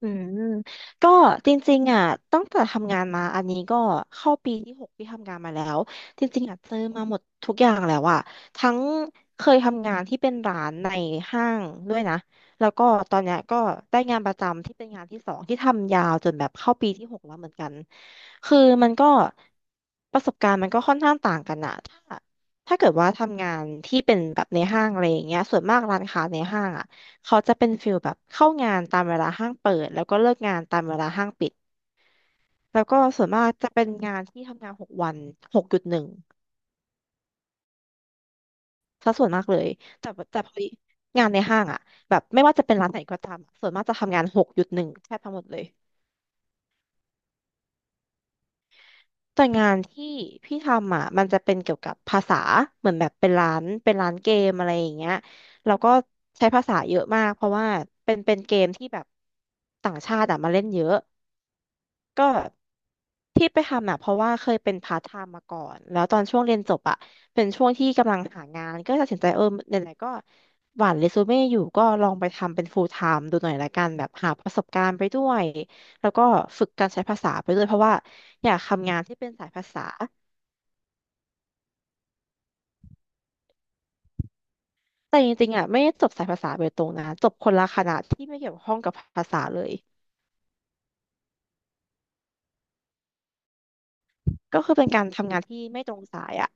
อืมก็จริงๆอ่ะตั้งแต่ทำงานมาอันนี้ก็เข้าปีที่หกที่ทำงานมาแล้วจริงๆอ่ะเจอมาหมดทุกอย่างแล้วอ่ะทั้งเคยทำงานที่เป็นร้านในห้างด้วยนะแล้วก็ตอนเนี้ยก็ได้งานประจำที่เป็นงานที่สองที่ทำยาวจนแบบเข้าปีที่หกแล้วเหมือนกันคือมันก็ประสบการณ์มันก็ค่อนข้างต่างกันอะถ้าเกิดว่าทำงานที่เป็นแบบในห้างอะไรอย่างเงี้ยส่วนมากร้านค้าในห้างอะ เขาจะเป็นฟิลแบบเข้างานตามเวลาห้างเปิดแล้วก็เลิกงานตามเวลาห้างปิดแล้วก็ส่วนมากจะเป็นงานที่ทำงาน6 วันหกจุดหนึ่งซะส่วนมากเลยแต่พอดีงานในห้างอะแบบไม่ว่าจะเป็นร้านไหนก็ตามอะส่วนมากจะทำงานหกจุดหนึ่งแทบทั้งหมดเลยแต่งานที่พี่ทำอ่ะมันจะเป็นเกี่ยวกับภาษาเหมือนแบบเป็นร้านเกมอะไรอย่างเงี้ยแล้วก็ใช้ภาษาเยอะมากเพราะว่าเป็นเกมที่แบบต่างชาติอะมาเล่นเยอะ ก็ที่ไปทำอ่ะเพราะว่าเคยเป็นพาร์ทไทม์มาก่อนแล้วตอนช่วงเรียนจบอ่ะเป็นช่วงที่กำลังหางานก็ตัดสินใจเออไหนๆก็หว่านเรซูเม่อยู่ก็ลองไปทำเป็นฟูลไทม์ดูหน่อยละกันแบบหาประสบการณ์ไปด้วยแล้วก็ฝึกการใช้ภาษาไปด้วยเพราะว่าอยากทำงานที่เป็นสายภาษาแต่จริงๆอ่ะไม่ได้จบสายภาษาโดยตรงนะจบคนละคณะที่ไม่เกี่ยวข้องกับภาษาเลยก็คือเป็นการทำงานที่ไม่ตรงสายอ่ะ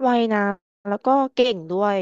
ไวนะแล้วก็เก่งด้วย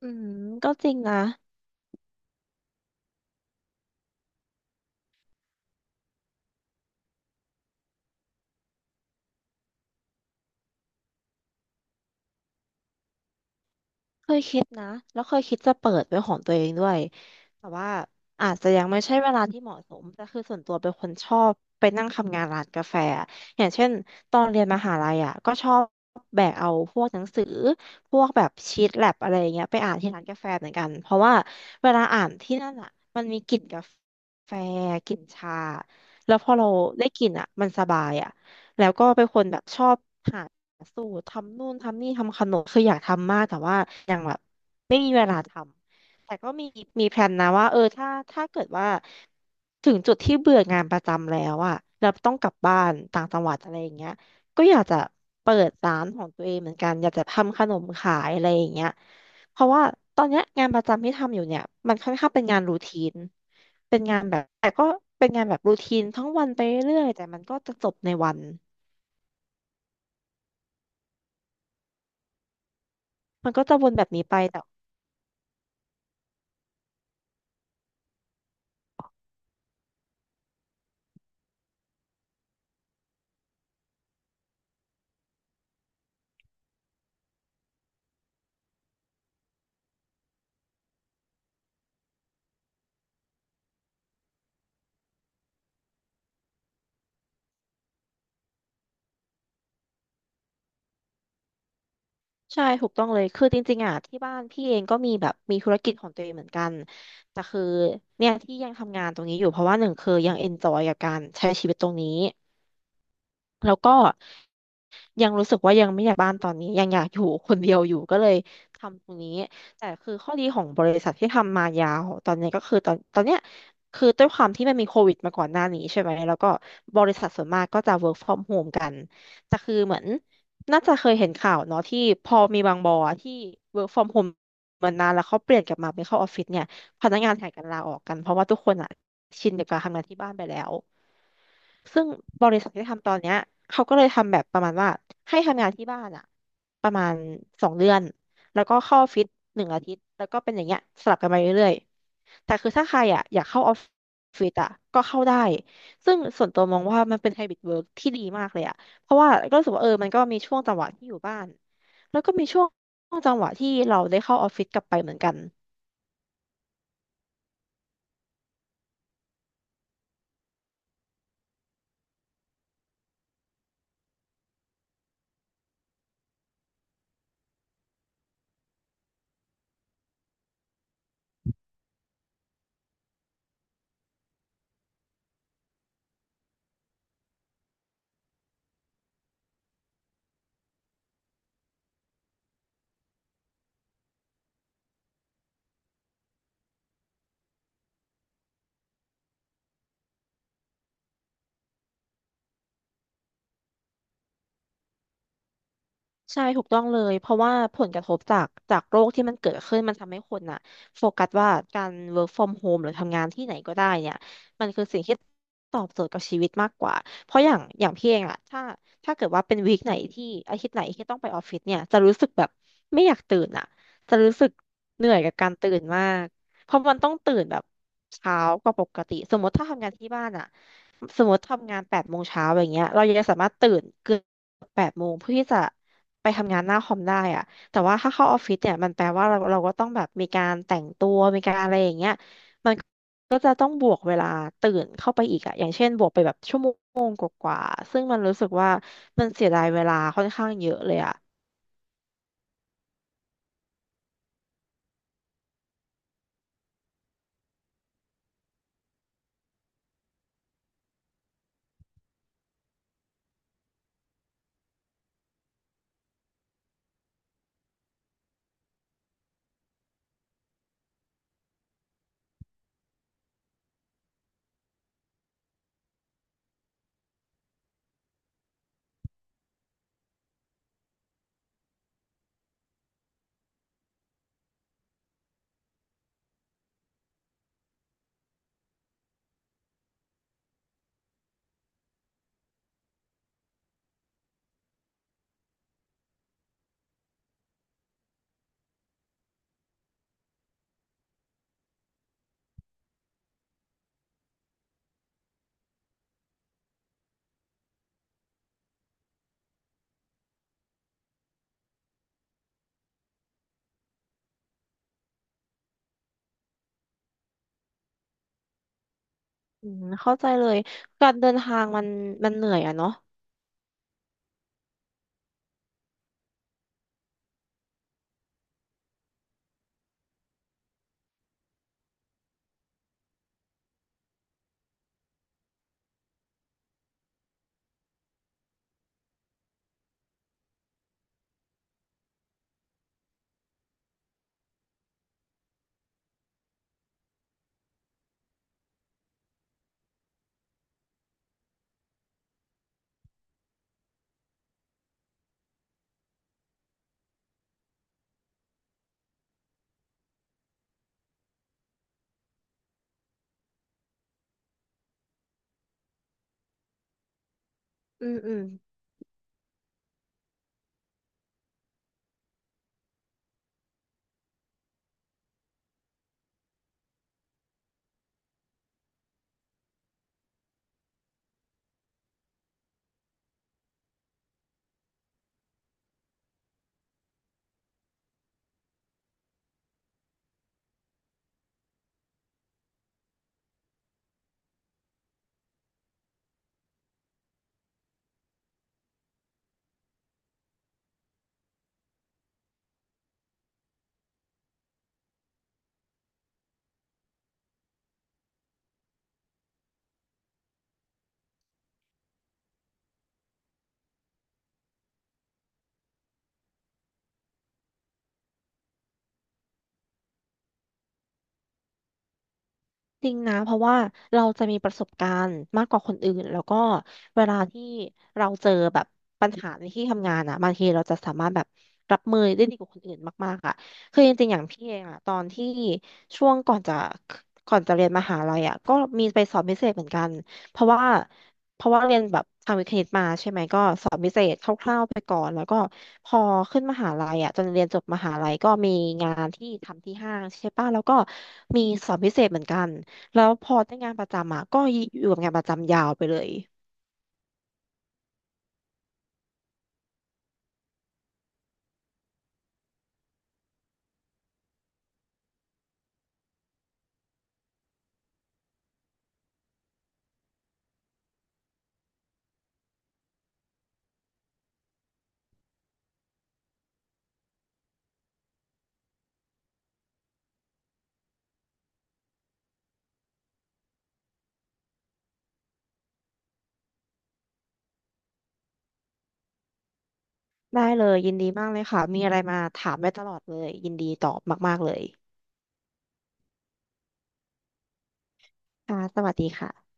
อืมก็จริงนะ บนะแล้วเคยคิดจะเปิดเป็นของตัวเองด้วยแต่ว่าอาจจะยังไม่ใช่เวลาที่เหมาะสมแต่คือส่วนตัวเป็นคนชอบไปนั่งทำงานร้านกาแฟอะอย่างเช่นตอนเรียนมหาลัยอ่ะก็ชอบแบกเอาพวกหนังสือพวกแบบชีทแล็บอะไรอย่างเงี้ยไปอ่านที่ร้านกาแฟเหมือนกันเพราะว่าเวลาอ่านที่นั่นอ่ะมันมีกลิ่นกาแฟกลิ่นชาแล้วพอเราได้กลิ่นอ่ะมันสบายอ่ะแล้วก็เป็นคนแบบชอบหา สูตรทำนู่นทำนี่ทำขนมคืออยากทำมากแต่ว่ายังแบบไม่มีเวลาทำแต่ก็มีแพลนนะว่าเออถ้าเกิดว่าถึงจุดที่เบื่องานประจำแล้วอะแล้วต้องกลับบ้านต่างจังหวัดอะไรอย่างเงี้ยก็อยากจะเปิดร้านของตัวเองเหมือนกันอยากจะทำขนมขายอะไรอย่างเงี้ยเพราะว่าตอนเนี้ยงานประจำที่ทำอยู่เนี่ยมันค่อนข้างเป็นงานรูทีนเป็นงานแบบแต่ก็เป็นงานแบบรูทีนทั้งวันไปเรื่อยๆแต่มันก็จะจบในวันมันก็จะวนแบบนี้ไป ใช่ถูกต้องเลยคือจริงๆอ่ะที่บ้านพี่เองก็มีแบบมีธุรกิจของตัวเองเหมือนกันแต่คือเนี่ยที่ยังทำงานตรงนี้อยู่เพราะว่าหนึ่งคือยังเอนจอยกับการใช้ชีวิตตรงนี้แล้วก็ ยังรู้สึกว่ายังไม่อยากบ้านตอนนี้ยังอยากอยู่คนเดียวอยู่ก็เลยทำตรงนี้แต่คือข้อดีของบริษัทที่ทำมายาวตอนนี้ก็คือตอนเนี้ยคือด้วยความที่มันมีโควิดมาก่อนหน้านี้ใช่ไหมแล้วก็บริษัทส่วนมากก็จะ work from home กันแต่คือเหมือนน่าจะเคยเห็นข่าวเนาะที่พอมีบางบอที่ work from home มานานแล้วเขาเปลี่ยนกลับมาเป็นเข้าออฟฟิศเนี่ยพนักงานแห่กันลาออกกันเพราะว่าทุกคนอ่ะชินกับการทำงานที่บ้านไปแล้ว ซึ่งบริษัทที่ทำตอนเนี้ยเขาก็เลยทำแบบประมาณว่าให้ทำงานที่บ้านอะประมาณ2 เดือนแล้วก็เข้าออฟฟิศ1 อาทิตย์แล้วก็เป็นอย่างเงี้ยสลับกันไปเรื่อยๆแต่คือถ้าใครอะอยากเข้าออฟฟิศอะก็เข้าได้ซึ่งส่วนตัวมองว่ามันเป็นไฮบริดเวิร์กที่ดีมากเลยอะเพราะว่าก็รู้สึกว่าเออมันก็มีช่วงจังหวะที่อยู่บ้านแล้วก็มีช่วงจังหวะที่เราได้เข้าออฟฟิศกลับไปเหมือนกัน ใช่ถูกต้องเลยเพราะว่าผลกระทบจากโรคที่มันเกิดขึ้นมันทำให้คนน่ะโฟกัสว่าการ work from home หรือทำงานที่ไหนก็ได้เนี่ยมันคือสิ่งที่ตอบโจทย์กับชีวิตมากกว่าเพราะอย่างพี่เองอะถ้าเกิดว่าเป็นวีคไหนที่อาทิตย์ไหนที่ต้องไปออฟฟิศเนี่ยจะรู้สึกแบบไม่อยากตื่นอะจะรู้สึกเหนื่อยกับการตื่นมากเพราะมันต้องตื่นแบบเช้ากว่าปกติสมมติถ้าทำงานที่บ้านอะสมมติทำงานแปดโมงเช้าอย่างเงี้ยเรายังจะสามารถตื่นเกือบแปดโมงเพื่อที่จะ ไปทำงานหน้าคอมได้อะแต่ว่าถ้าเข้าออฟฟิศเนี่ยมันแปลว่าเราก็ต้องแบบมีการแต่งตัวมีการอะไรอย่างเงี้ยมันก็จะต้องบวกเวลาตื่นเข้าไปอีกอะอย่างเช่นบวกไปแบบชั่วโมงกว่าๆซึ่งมันรู้สึกว่ามันเสียดายเวลาค่อนข้างเยอะเลยอะอืมเข้าใจเลยการเดินทางมันเหนื่อยอะเนาะอืมอืม จริงนะเพราะว่าเราจะมีประสบการณ์มากกว่าคนอื่นแล้วก็เวลาที่เราเจอแบบปัญหาในที่ทำงานอ่ะบางทีเราจะสามารถแบบรับมือได้ดีกว่าคนอื่นมากๆอ่ะคือจริงๆอย่างพี่เองอ่ะตอนที่ช่วงก่อนจะเรียนมหาลัยอ่ะก็มีไปสอบพิเศษเหมือนกันเพราะว่าเพราะว่าเรียนแบบทางวิทย์คณิตมาใช่ไหมก็สอบพิเศษคร่าวๆไปก่อนแล้วก็พอขึ้นมหาลัยอ่ะจนเรียนจบมหาลัยก็มีงานที่ทำที่ห้างใช่ป่ะแล้วก็มีสอบพิเศษเหมือนกัน แล้วพอได้งานประจำอ่ะก็อยู่กับงานประจำยาวไปเลยได้เลยยินดีมากเลยค่ะมีอะไรมาถามได้ตลอดเลยยินดีตอบมากๆเลยค่ะสวัสดีค่ะ